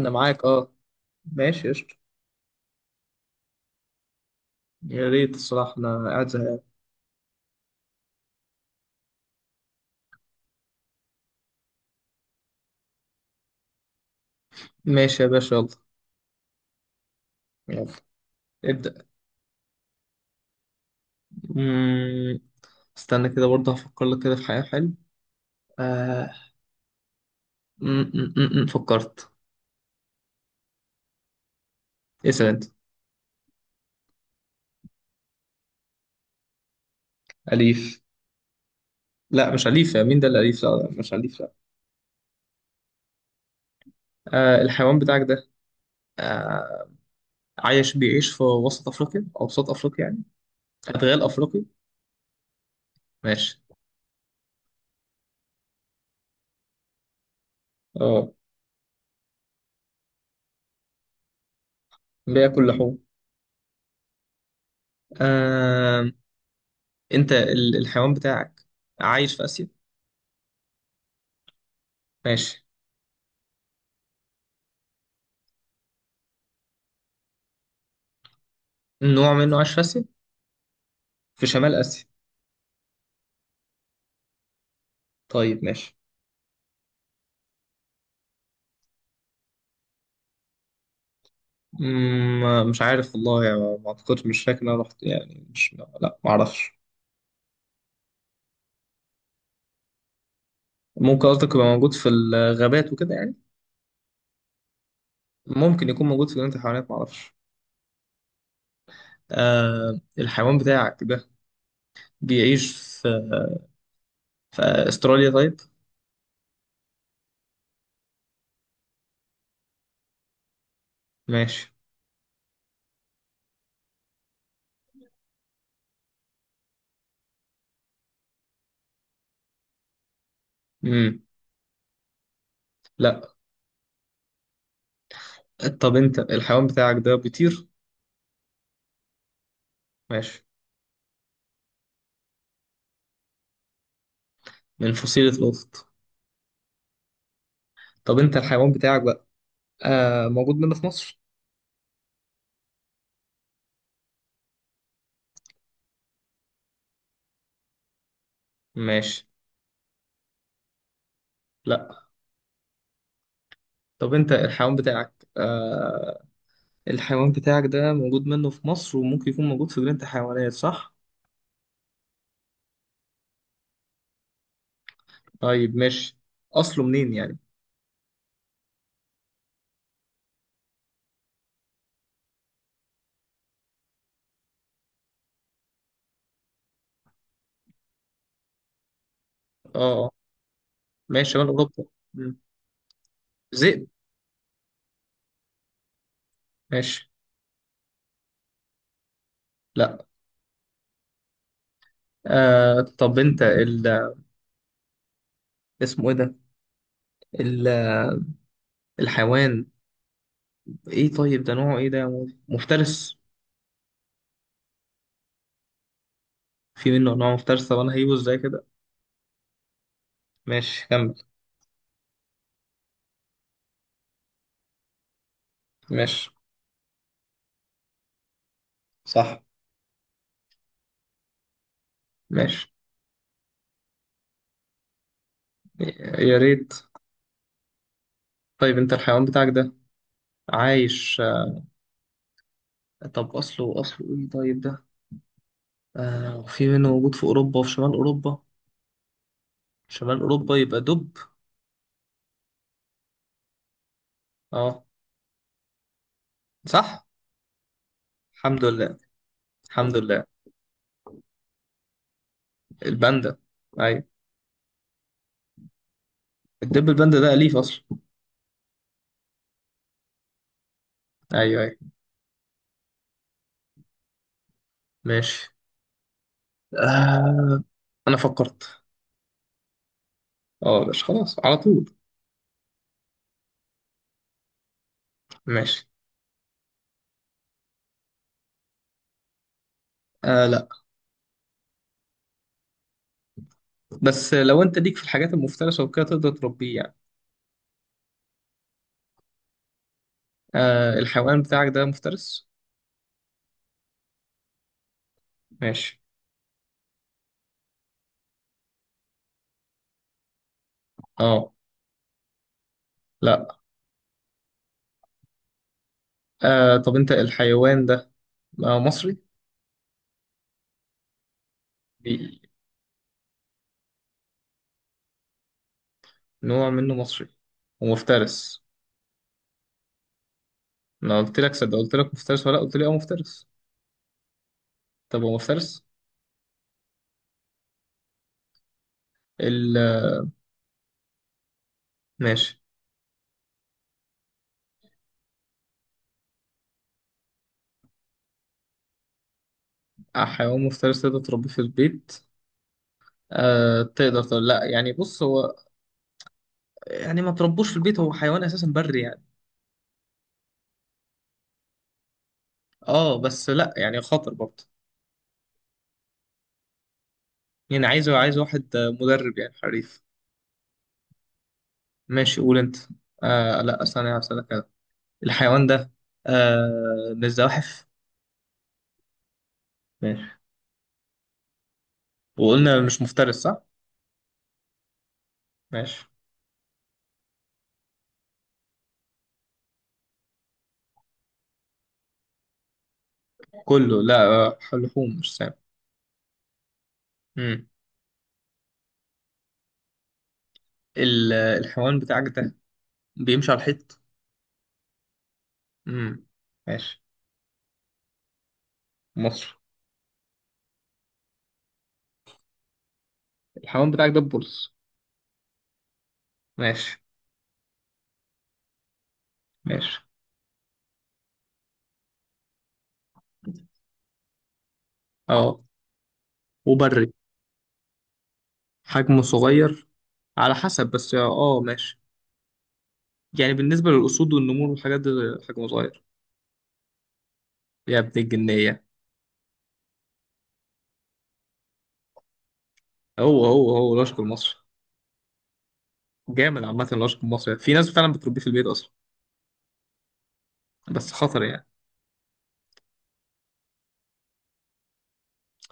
انا معاك اه. ماشي قشطة. يا ريت الصراحة، انا قاعد زهقان. ماشي يا باشا، يلا. يلا. ابدأ. مم. استنى كده، برضه هفكر لك كده في حاجة حلوة. آه. فكرت. اسأل انت. أليف؟ لا مش أليف، يا مين ده اللي أليف؟ لا لا، مش أليف لا. آه الحيوان بتاعك ده آه، عايش بيعيش في وسط أفريقيا أو وسط أفريقيا يعني؟ أدغال أفريقي؟ ماشي. اه بياكل لحوم. آه. انت الحيوان بتاعك عايش في آسيا؟ ماشي. نوع منه عاش فاسد في شمال آسيا؟ طيب ماشي. مم، مش عارف والله، يعني ما اعتقدش، مش فاكر ان انا رحت يعني، مش لا ما اعرفش. ممكن قصدك يبقى موجود في الغابات وكده يعني؟ ممكن يكون موجود في جنينة الحيوانات ما اعرفش. آه الحيوان بتاعك ده بيعيش في، في استراليا طيب؟ ماشي. مم. لا. طب انت الحيوان بتاعك ده بيطير؟ ماشي. من فصيلة القطط. طب انت الحيوان بتاعك بقى آه، موجود منه في مصر؟ ماشي. لا. طب انت الحيوان بتاعك آه، الحيوان بتاعك ده موجود منه في مصر وممكن يكون موجود في جنينة الحيوانات صح؟ طيب ماشي. اصله منين يعني؟ اه اه. ماشي شمال اوروبا. مم. ذئب؟ ماشي. لا. آه طب انت ال... اسمه ايه ده؟ ال... الحيوان ايه طيب، ده نوعه ايه ده يا مول؟ مفترس؟ في منه نوع مفترس؟ طب انا هجيبه ازاي كده؟ ماشي كمل. ماشي. صح. ماشي. يا ريت. طيب انت الحيوان بتاعك ده عايش آه، طب اصله اصله ايه طيب ده؟ آه وفي منه موجود في أوروبا وفي شمال أوروبا. شمال أوروبا يبقى دب. اه. صح. الحمد لله. الحمد لله. الباندا. أيوة. الدب الباندا ده أليف أصلا؟ أيوة أيوة. ماشي. آه أنا فكرت. اه مش خلاص على طول. ماشي. آه لا. بس لو أنت ليك في الحاجات المفترسة وكده تقدر تربيه يعني. آه الحيوان بتاعك ده مفترس؟ ماشي. اه. لا. آه طب أنت الحيوان ده آه مصري؟ بي- نوع منه مصري ومفترس. ما قلت لك؟ صدق، قلت لك مفترس ولا لأ؟ قلت لي اه مفترس. طب هو مفترس؟ ال. ماشي. آه، حيوان مفترس تقدر تربيه في البيت؟ آه تقدر تقول لا يعني، بص هو يعني ما تربوش في البيت، هو حيوان اساسا بري يعني. اه بس لا يعني خطر برضه. يعني عايز، عايز واحد آه، مدرب يعني حريف. ماشي قول انت. آه لا استنى هسألك كده. الحيوان ده آه من الزواحف؟ ماشي. وقلنا مش مفترس صح؟ ماشي. كله لا، آه، لحوم مش سام. مم. الحيوان بتاعك ده بيمشي على الحيط؟ امم. ماشي. مصر. الحيوان بتاعك ده البولس؟ ماشي. ماشي. اه وبري. حجمه صغير، على حسب بس اه ماشي. يعني بالنسبة للأسود والنمور والحاجات دي حجمه صغير. يا ابن الجنية! هو الأشق المصري. جامد. عامة الأشق المصري في ناس فعلا بتربيه في البيت أصلا. بس خطر يعني.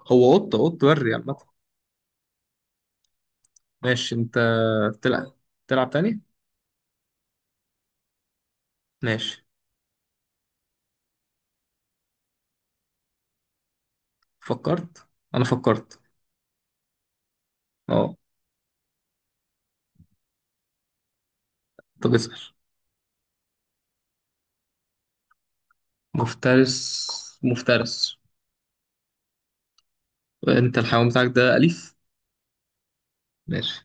هو قطة بري عامة. ماشي أنت. تلعب؟ تلعب تاني؟ ماشي. فكرت. أنا فكرت. اه. أنت بتسأل. مفترس. مفترس. انت الحيوان بتاعك ده أليف؟ ماشي.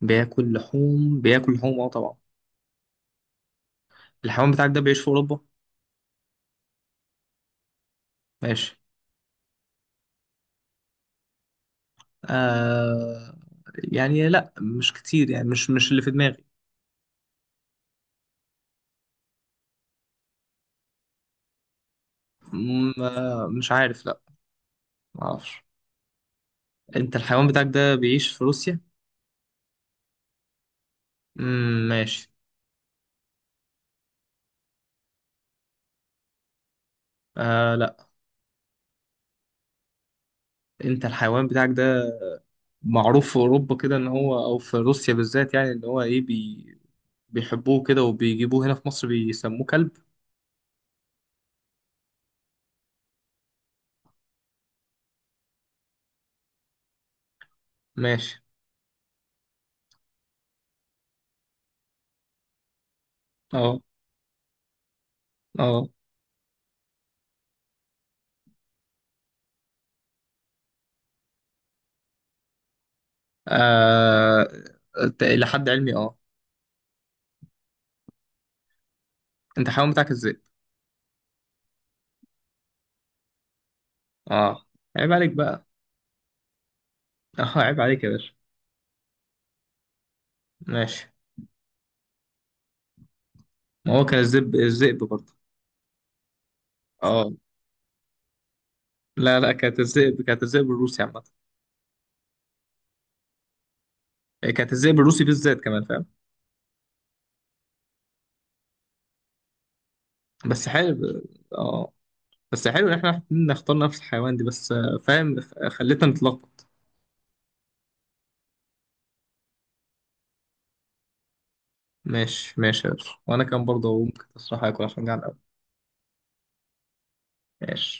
بياكل لحوم، بياكل لحوم اه طبعا. الحيوان بتاعك ده بيعيش في أوروبا؟ ماشي. آه، يعني لا مش كتير، يعني مش مش اللي في دماغي. م- آه، مش عارف لا، معرفش. انت الحيوان بتاعك ده بيعيش في روسيا؟ مم، ماشي. آه لا. انت الحيوان بتاعك ده معروف في أوروبا كده ان هو، او في روسيا بالذات يعني، ان هو ايه بي بيحبوه كده وبيجيبوه هنا في مصر بيسموه كلب؟ ماشي. اه. اه. آه، ت- الى حد علمي اه. انت حيوان بتاعك الذئب؟ اه عيب عليك بقى. اه عيب عليك يا باشا. ماشي. ما هو كان الذئب، الذئب برضه. اه. لا كانت الذئب، كانت الذئب الروسي عامة. إيه، كانت الذئب الروسي بالذات كمان فاهم. بس حلو. اه. بس حلو ان احنا الاتنين نختار نفس الحيوان دي، بس آه، فاهم خلتنا نتلخبط. ماشي. ماشي يا باشا، وانا كان برضه ممكن تصراحة اكل عشان جعان قوي. ماشي.